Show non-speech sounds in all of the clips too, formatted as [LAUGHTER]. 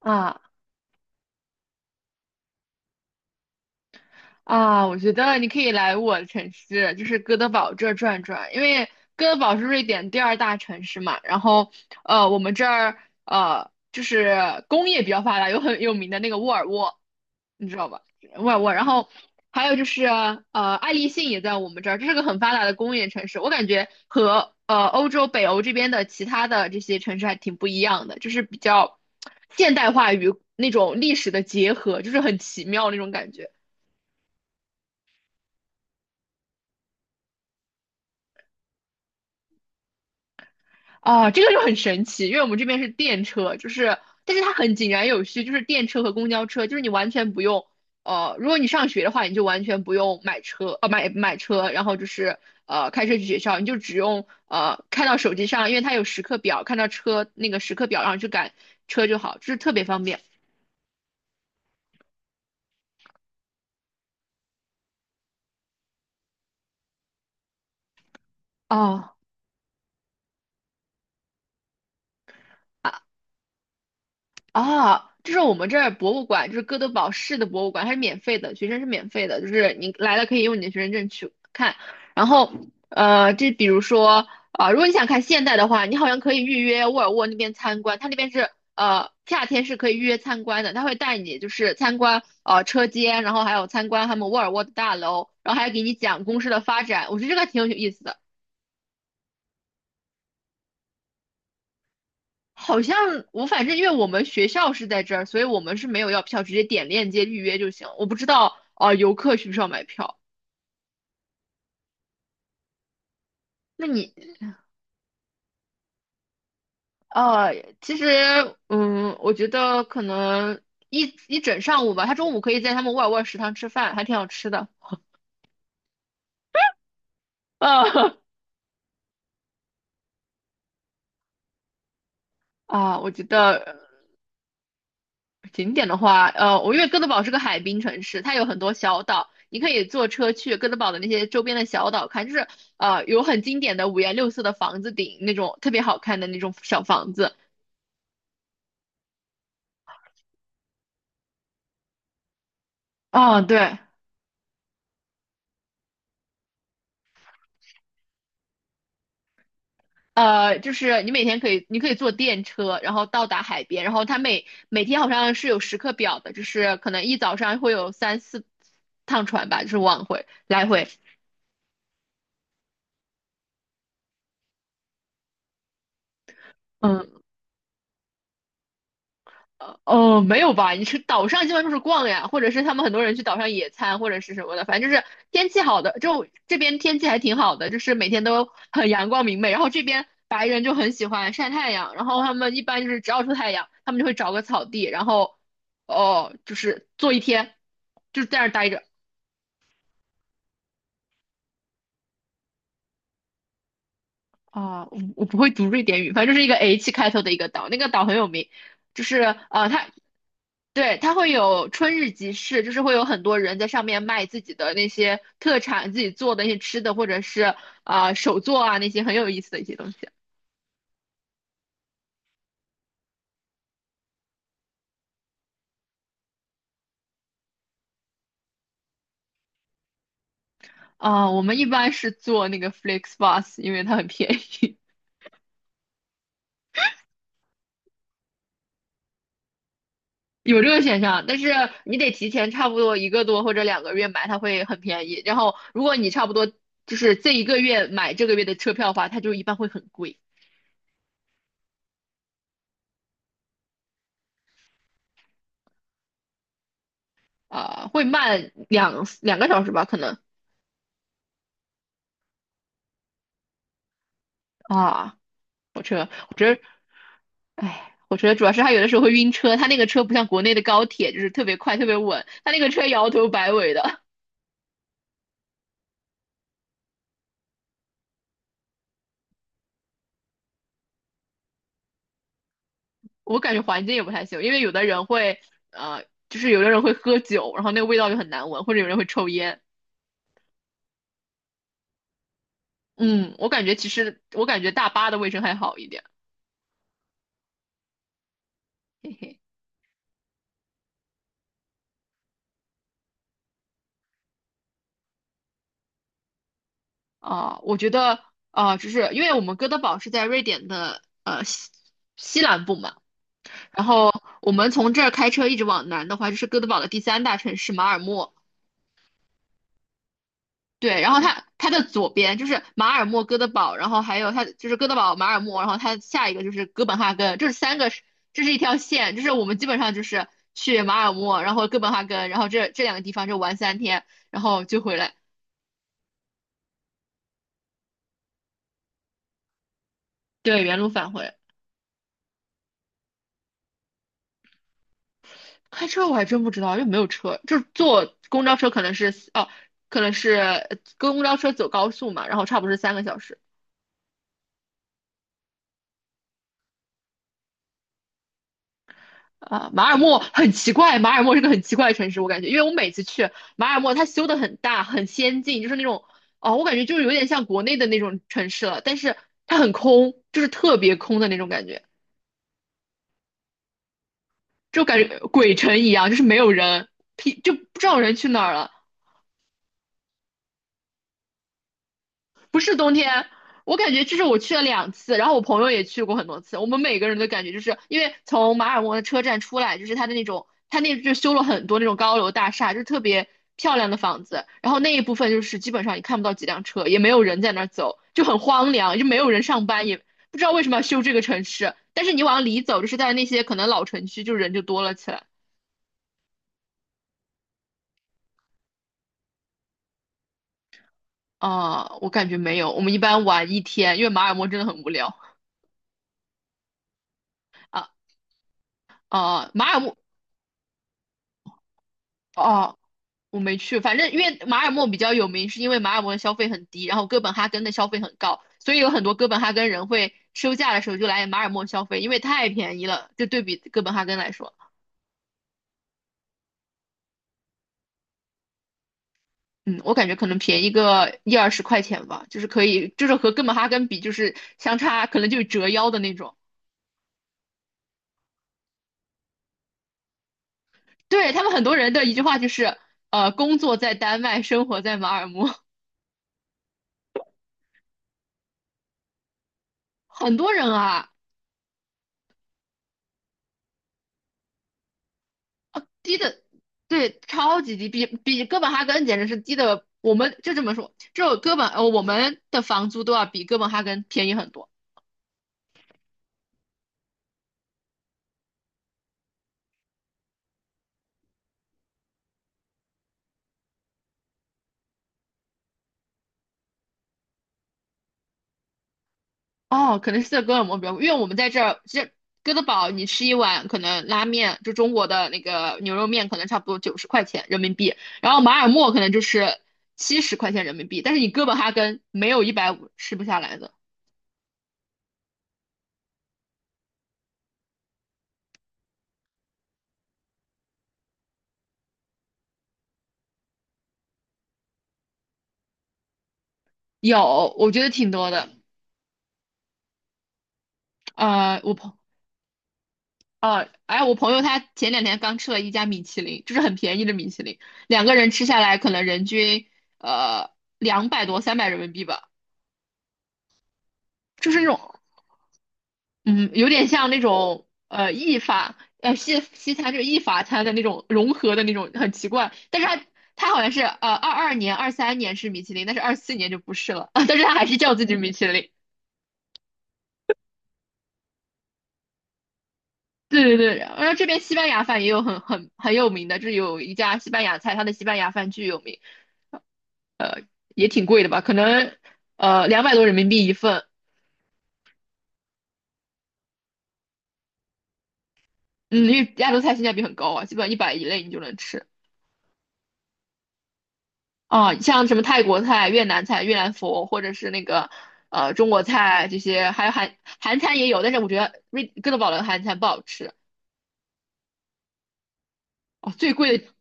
啊啊，我觉得你可以来我的城市，就是哥德堡这儿转转，因为哥德堡是瑞典第二大城市嘛。然后，我们这儿就是工业比较发达，有很有名的那个沃尔沃，你知道吧？沃尔沃。然后还有就是爱立信也在我们这儿，这是个很发达的工业城市。我感觉和欧洲北欧这边的其他的这些城市还挺不一样的，就是比较现代化与那种历史的结合，就是很奇妙那种感觉。哦，这个就很神奇，因为我们这边是电车，就是，但是它很井然有序，就是电车和公交车，就是你完全不用，如果你上学的话，你就完全不用买车，买车然后就是开车去学校，你就只用看到手机上，因为它有时刻表，看到车那个时刻表，然后去赶车就好，就是特别方便。哦，啊，这是我们这儿博物馆，就是哥德堡市的博物馆，它是免费的，学生是免费的，就是你来了可以用你的学生证去看。然后，这比如说，啊、如果你想看现代的话，你好像可以预约沃尔沃那边参观，它那边是夏天是可以预约参观的，他会带你就是参观车间，然后还有参观他们沃尔沃的大楼，然后还给你讲公司的发展，我觉得这个挺有意思的。好像我反正因为我们学校是在这儿，所以我们是没有要票，直接点链接预约就行。我不知道啊、游客需不需要买票？那你呃，其实我觉得可能一整上午吧，他中午可以在他们沃尔沃食堂吃饭，还挺好吃的。呃 [LAUGHS] 啊，我觉得景点的话，我因为哥德堡是个海滨城市，它有很多小岛，你可以坐车去哥德堡的那些周边的小岛看，就是有很经典的五颜六色的房子顶那种特别好看的那种小房子。啊，对，就是你每天可以，你可以坐电车，然后到达海边，然后它每天好像是有时刻表的，就是可能一早上会有三四趟船吧，就是往回来回。嗯。哦，没有吧？你去岛上基本上就是逛呀，或者是他们很多人去岛上野餐，或者是什么的，反正就是天气好的，就这边天气还挺好的，就是每天都很阳光明媚。然后这边白人就很喜欢晒太阳，然后他们一般就是只要出太阳，他们就会找个草地，然后哦，就是坐一天，就在那儿待着。啊、我不会读瑞典语，反正就是一个 H 开头的一个岛，那个岛很有名，就是它对，它会有春日集市，就是会有很多人在上面卖自己的那些特产，自己做的一些吃的，或者是啊、手作啊那些很有意思的一些东西。啊、我们一般是做那个 FlixBus,因为它很便宜，[LAUGHS] 有这个选项。但是你得提前差不多一个多或者2个月买，它会很便宜。然后如果你差不多就是这一个月买这个月的车票的话，它就一般会很贵，啊、会慢两个小时吧，可能啊。火车，火车，哎，我觉得主要是他有的时候会晕车，他那个车不像国内的高铁，就是特别快、特别稳，他那个车摇头摆尾的，[LAUGHS] 我感觉环境也不太行，因为有的人会，呃，就是有的人会喝酒，然后那个味道就很难闻，或者有人会抽烟。嗯，我感觉其实我感觉大巴的卫生还好一点。嘿嘿，啊、我觉得啊、就是因为我们哥德堡是在瑞典的西南部嘛，然后我们从这儿开车一直往南的话，就是哥德堡的第三大城市马尔默。对，然后它的左边就是马尔默、哥德堡，然后还有它就是哥德堡、马尔默，然后它下一个就是哥本哈根，这是三个，这是一条线，就是我们基本上就是去马尔默，然后哥本哈根，然后这两个地方就玩3天，然后就回来，对，原路返回。开车我还真不知道，又没有车，就是坐公交车可能是哦，可能是公交车走高速嘛，然后差不多是3个小时。啊，马尔默很奇怪，马尔默是个很奇怪的城市，我感觉，因为我每次去马尔默，它修的很大，很先进，就是那种，哦，我感觉就是有点像国内的那种城市了，但是它很空，就是特别空的那种感觉，就感觉鬼城一样，就是没有人，屁就不知道人去哪儿了，不是冬天，我感觉就是我去了2次，然后我朋友也去过很多次。我们每个人的感觉就是，因为从马尔默的车站出来，就是它的那种，它那就修了很多那种高楼大厦，就是特别漂亮的房子。然后那一部分就是基本上你看不到几辆车，也没有人在那儿走，就很荒凉，就没有人上班，也不知道为什么要修这个城市。但是你往里走，就是在那些可能老城区，就人就多了起来。啊、我感觉没有，我们一般玩一天，因为马尔默真的很无聊。啊啊，马尔默哦、我没去，反正因为马尔默比较有名，是因为马尔默的消费很低，然后哥本哈根的消费很高，所以有很多哥本哈根人会休假的时候就来马尔默消费，因为太便宜了，就对比哥本哈根来说，嗯，我感觉可能便宜个一二十块钱吧，就是可以，就是和哥本哈根比，就是相差可能就折腰的那种。对，他们很多人的一句话就是，工作在丹麦，生活在马尔默，[LAUGHS] 很多人啊。低的，对，超级低，比哥本哈根简直是低的。我们就这么说，就哥本，我们的房租都要比哥本哈根便宜很多。哦，可能是在哥本哈根比较贵，因为我们在这儿，这哥德堡你吃一碗可能拉面，就中国的那个牛肉面，可能差不多90块钱人民币，然后马尔默可能就是70块钱人民币，但是你哥本哈根没有150吃不下来的。有，我觉得挺多的。呃，我朋哦，哎，我朋友他前两天刚吃了一家米其林，就是很便宜的米其林，两个人吃下来可能人均呃两百多三百人民币吧。就是那种嗯有点像那种意法西餐，就是意法餐的那种融合的那种，很奇怪。但是他好像是22年23年是米其林，但是24年就不是了。[LAUGHS] 但是他还是叫自己米其林。[LAUGHS] 对对对，然后这边西班牙饭也有很有名的，就是有一家西班牙菜，它的西班牙饭巨有名。也挺贵的吧？可能两百多人民币一份。嗯，因为亚洲菜性价比很高啊，基本上100以内你就能吃啊。像什么泰国菜、越南菜、越南粉，或者是那个中国菜这些，还有韩餐也有，但是我觉得哥德堡的韩餐不好吃哦。最贵的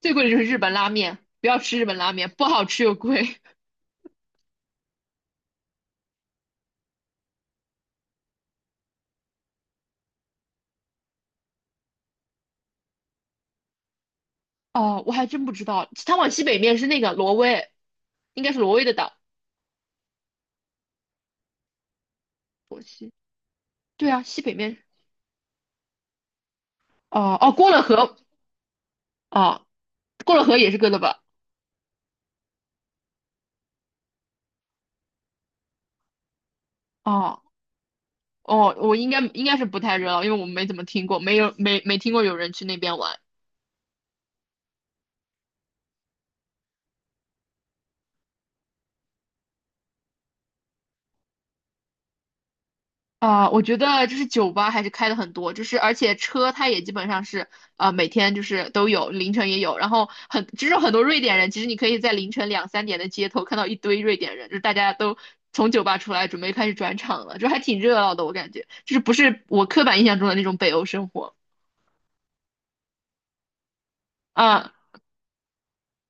最贵的就是日本拉面，不要吃日本拉面，不好吃又贵。[LAUGHS] 哦，我还真不知道，它往西北面是那个挪威，应该是挪威的岛，我西。对啊，西北面。哦哦，过了河，哦，过了河也是哥德堡。哦哦，我应该是不太热闹，因为我没怎么听过，没听过有人去那边玩。啊、我觉得就是酒吧还是开的很多，就是而且车它也基本上是啊，每天就是都有，凌晨也有，然后就是很多瑞典人，其实你可以在凌晨两三点的街头看到一堆瑞典人，就是大家都从酒吧出来准备开始转场了，就还挺热闹的，我感觉就是不是我刻板印象中的那种北欧生活。啊，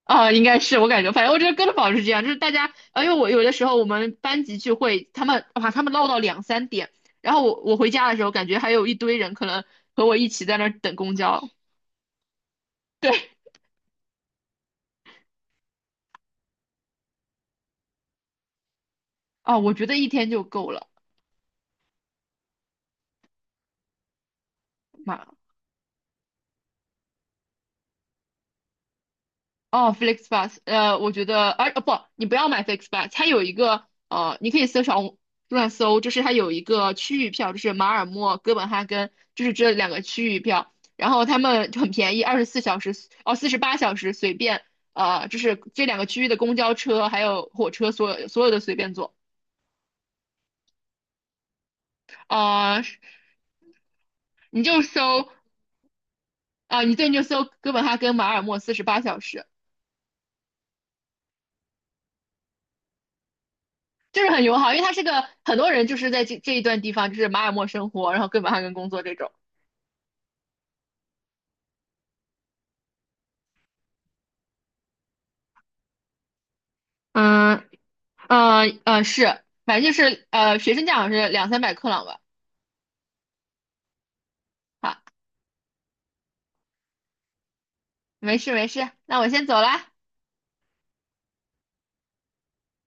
啊，应该是我感觉，反正我觉得哥德堡是这样，就是大家，因为我有的时候我们班级聚会，他们哇，他们唠到两三点，然后我回家的时候，感觉还有一堆人可能和我一起在那儿等公交。对，啊，我觉得一天就够了，妈。哦，FlixBus，我觉得，哦不，你不要买 FlixBus，它有一个你可以小红书上搜，就是它有一个区域票，就是马尔默、哥本哈根，就是这两个区域票，然后他们就很便宜，24小时哦，四十八小时随便，就是这两个区域的公交车还有火车，所有的随便坐。呃，你就搜你对，你就搜哥本哈根、马尔默四十八小时。就是很友好，因为它是个很多人就是在这一段地方，就是马尔默生活，然后哥本哈根工作这种。嗯嗯嗯，是，反正就是学生价好像是200-300克朗吧。好，没事没事，那我先走了。